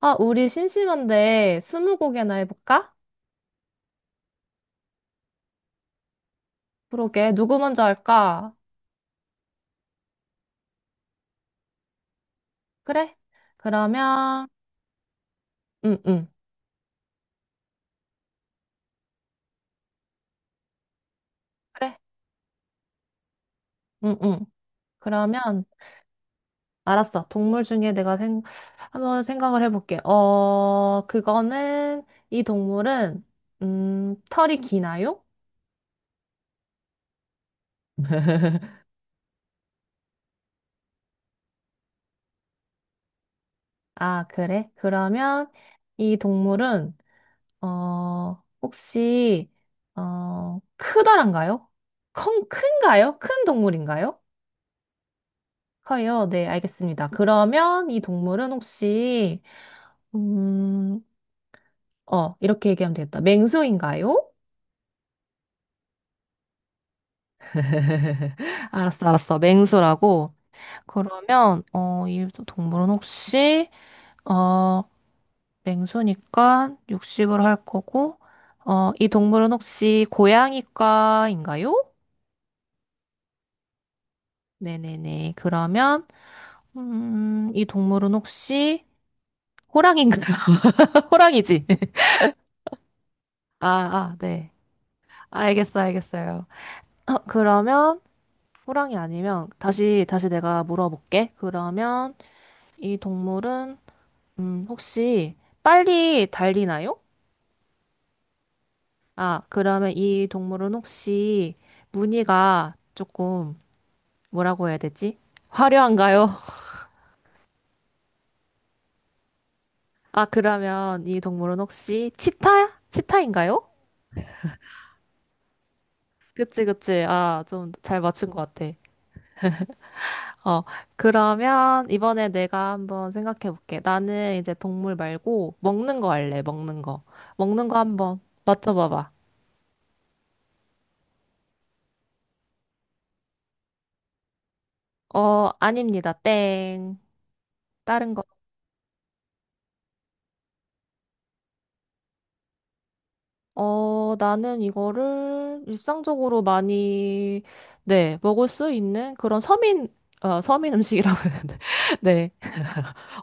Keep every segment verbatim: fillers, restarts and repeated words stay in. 아, 우리 심심한데 스무고개나 해볼까? 그러게, 누구 먼저 할까? 그래? 그러면, 응, 응, 그래, 응, 응. 그러면, 알았어. 동물 중에 내가 생, 한번 생각을 해볼게. 어, 그거는, 이 동물은, 음, 털이 기나요? 아, 그래? 그러면, 이 동물은, 어, 혹시, 어, 크다란가요? 컹, 큰가요? 큰 동물인가요? 커요. 네, 알겠습니다. 그러면 이 동물은 혹시, 음, 어, 이렇게 얘기하면 되겠다. 맹수인가요? 알았어, 알았어. 맹수라고. 그러면, 어, 이 동물은 혹시, 어, 맹수니까 육식을 할 거고, 어, 이 동물은 혹시 고양이과인가요? 네네네. 그러면, 음, 이 동물은 혹시 호랑이인가요? 호랑이지? 아, 아, 네. 알겠어, 알겠어요. 어, 그러면 호랑이 아니면 다시 다시 내가 물어볼게. 그러면 이 동물은 음, 혹시 빨리 달리나요? 아, 그러면 이 동물은 혹시 무늬가 조금 뭐라고 해야 되지? 화려한가요? 아, 그러면 이 동물은 혹시 치타야? 치타인가요? 그치, 그치. 아, 좀 잘 맞춘 것 같아. 어, 그러면 이번에 내가 한번 생각해 볼게. 나는 이제 동물 말고 먹는 거 할래, 먹는 거. 먹는 거 한번 맞춰봐봐. 어, 아닙니다. 땡. 다른 거. 어, 나는 이거를 일상적으로 많이, 네, 먹을 수 있는 그런 서민, 어, 서민 음식이라고 했는데. 네.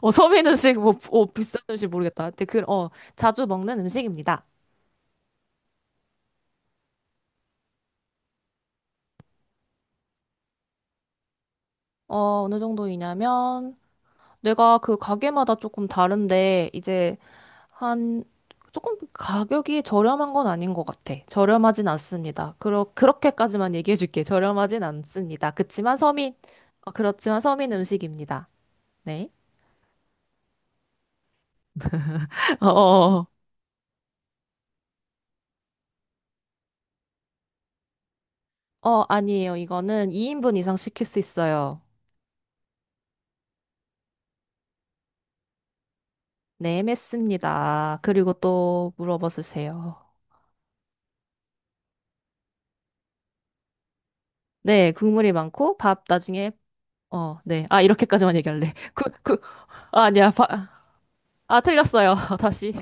어, 서민 음식, 뭐, 어, 비싼 음식 모르겠다. 근데 그, 어, 자주 먹는 음식입니다. 어, 어느 정도이냐면, 내가 그 가게마다 조금 다른데, 이제 한, 조금 가격이 저렴한 건 아닌 것 같아. 저렴하진 않습니다. 그러, 그렇게까지만 얘기해 줄게. 저렴하진 않습니다. 그치만 서민, 어, 그렇지만 서민 음식입니다. 네. 어, 어, 어, 어, 아니에요. 이거는 이 인분 이상 시킬 수 있어요. 네, 맵습니다. 그리고 또 물어봐 주세요. 네, 국물이 많고 밥 나중에 어, 네. 아, 이렇게까지만 얘기할래. 그, 그, 아, 아니야. 바, 아, 틀렸어요. 다시.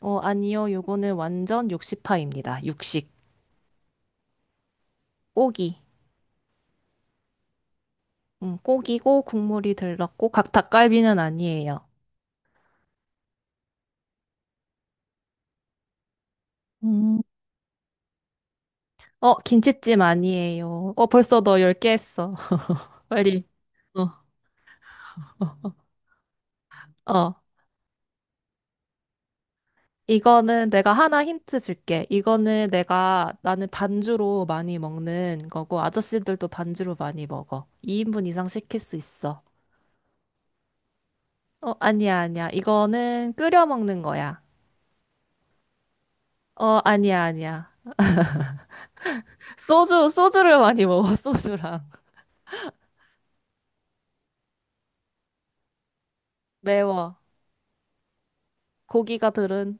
어, 아니요. 요거는 완전 육식파입니다. 육식. 고기. 음, 고기고 국물이 들렀고 각 닭갈비는 아니에요. 음. 어, 김치찜 아니에요. 어, 벌써 너 열 개 했어. 빨리. 어, 어. 이거는 내가 하나 힌트 줄게. 이거는 내가 나는 반주로 많이 먹는 거고 아저씨들도 반주로 많이 먹어. 이 인분 이상 시킬 수 있어. 어, 아니야, 아니야. 이거는 끓여 먹는 거야. 어, 아니야, 아니야. 소주, 소주를 많이 먹어, 소주랑. 매워. 고기가 들은,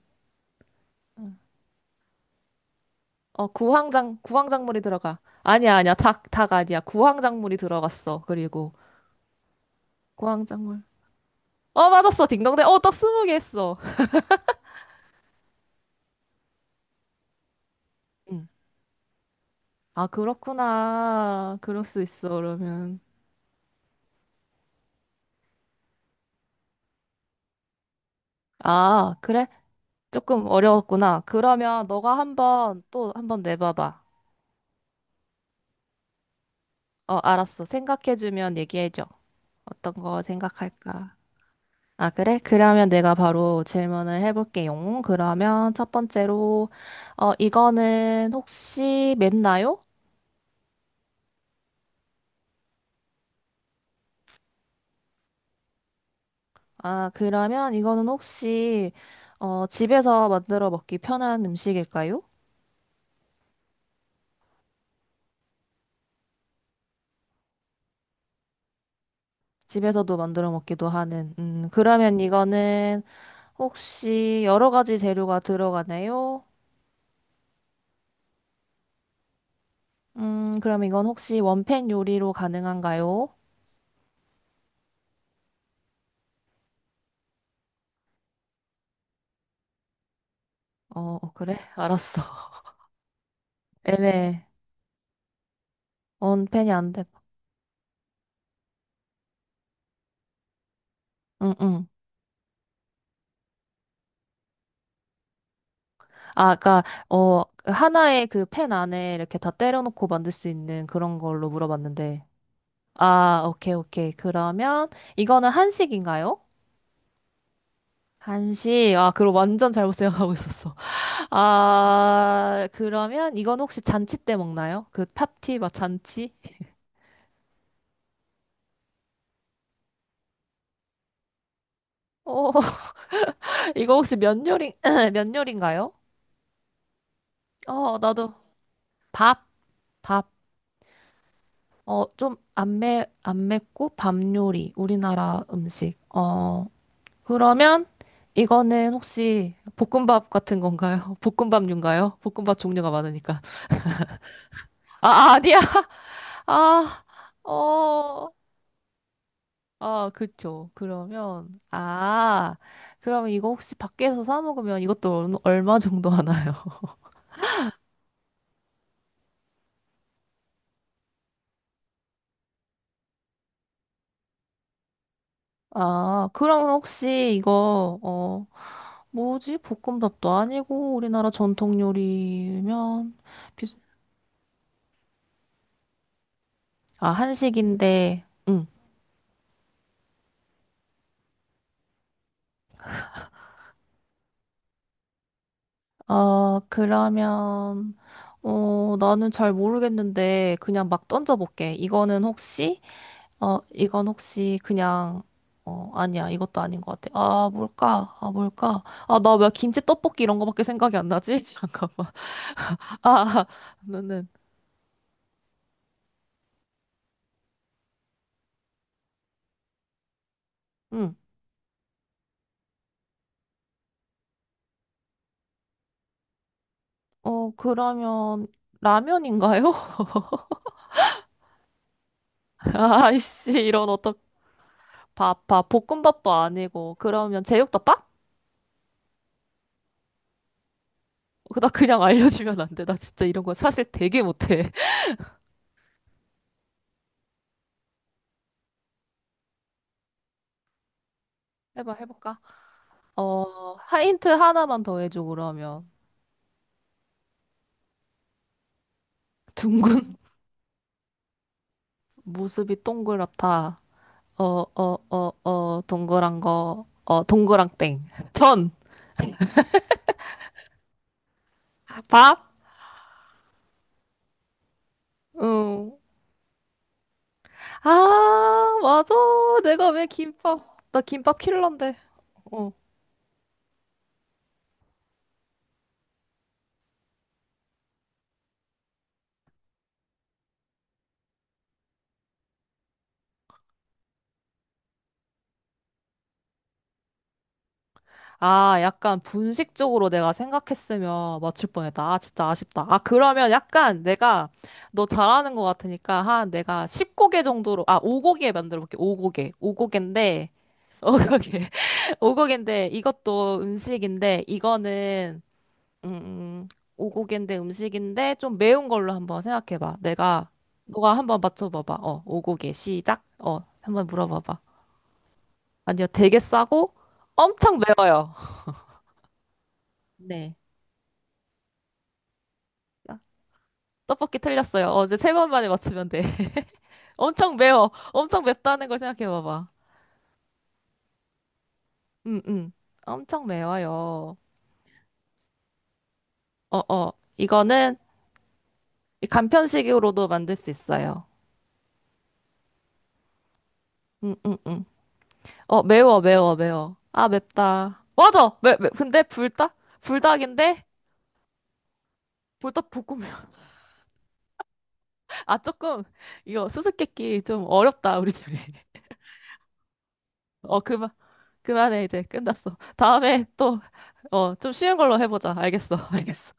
어, 구황장, 구황작물이 들어가. 아니야, 아니야. 닭, 닭 아니야. 구황작물이 들어갔어. 그리고, 구황작물. 어, 맞았어. 딩동댕. 어, 떡 스무 개 했어. 응. 아, 그렇구나. 그럴 수 있어, 그러면. 아, 그래? 조금 어려웠구나. 그러면 너가 한번, 또 한번 내봐봐. 어, 알았어. 생각해주면 얘기해줘. 어떤 거 생각할까? 아, 그래? 그러면 내가 바로 질문을 해볼게요. 그러면 첫 번째로, 어, 이거는 혹시 맵나요? 아, 그러면 이거는 혹시, 어, 집에서 만들어 먹기 편한 음식일까요? 집에서도 만들어 먹기도 하는. 음, 그러면 이거는 혹시 여러 가지 재료가 들어가나요? 음, 그럼 이건 혹시 원팬 요리로 가능한가요? 어, 어, 그래? 알았어. 애매해. 원팬이 안 돼. 응, 응. 아, 그니까, 어, 하나의 그 펜 안에 이렇게 다 때려놓고 만들 수 있는 그런 걸로 물어봤는데. 아, 오케이, 오케이. 그러면, 이거는 한식인가요? 한식. 아, 그럼 완전 잘못 생각하고 있었어. 아, 그러면, 이건 혹시 잔치 때 먹나요? 그 파티, 막 잔치? 어, 이거 혹시 면 요리, 면 요리인가요? 어, 나도. 밥, 밥. 어, 좀 안 매, 안 맵고 밥 요리. 우리나라 음식. 어. 그러면 이거는 혹시 볶음밥 같은 건가요? 볶음밥류인가요? 볶음밥 종류가 많으니까. 아, 아, 아니야. 아, 어, 아, 그쵸. 그러면, 아, 그러면 이거 혹시 밖에서 사 먹으면 이것도 얼- 얼마 정도 하나요? 아, 그럼 혹시 이거, 어, 뭐지? 볶음밥도 아니고 우리나라 전통 요리면, 비- 아, 한식인데, 응. 아, 그러면, 어, 나는 잘 모르겠는데, 그냥 막 던져볼게. 이거는 혹시, 어, 이건 혹시 그냥, 어, 아니야. 이것도 아닌 것 같아. 아, 뭘까? 아, 뭘까? 아, 나 왜 김치 떡볶이 이런 거밖에 생각이 안 나지? 잠깐만. 아, 아, 너는, 응. 어, 그러면, 라면인가요? 아이씨, 이런 어떡, 밥, 밥, 볶음밥도 아니고, 그러면 제육덮밥? 나 그냥 알려주면 안 돼. 나 진짜 이런 거 사실 되게 못해. 해봐, 해볼까? 어, 하- 힌트 하나만 더 해줘, 그러면. 둥근 모습이 동그랗다. 어, 어, 어, 어, 동그란 거. 어, 동그랑 땡. 전, 밥, 응. 아, 맞아. 내가 왜 김밥, 나 김밥 킬러인데. 어. 아, 약간 분식 쪽으로 내가 생각했으면 맞출 뻔했다. 아, 진짜 아쉽다. 아, 그러면 약간 내가 너 잘하는 것 같으니까 한 내가 열 고개 정도로, 아, 다섯 고개 만들어 볼게. 다섯 고개. 다섯 고개인데, 오곡에 오곡인데 이것도 음식인데 이거는 음 음, 오곡인데 음식인데 좀 매운 걸로 한번 생각해봐. 내가 너가 한번 맞춰봐봐. 어 오곡에 시작. 어 한번 물어봐봐. 아니요 되게 싸고 엄청 매워요. 네. 아, 떡볶이 틀렸어요. 어제 세 번 만에 맞추면 돼. 엄청 매워. 엄청 맵다는 걸 생각해봐봐. 음, 음. 엄청 매워요. 어, 어. 이거는 이 간편식으로도 만들 수 있어요. 음, 음, 음. 어, 매워, 매워, 매워. 아, 맵다. 맞아! 매, 매, 근데 불닭? 불닭인데? 불닭 볶음면. 아, 조금, 이거 수수께끼 좀 어렵다, 우리 둘이. 어, 그만, 그만해, 이제. 끝났어. 다음에 또, 어, 좀 쉬운 걸로 해보자. 알겠어, 알겠어.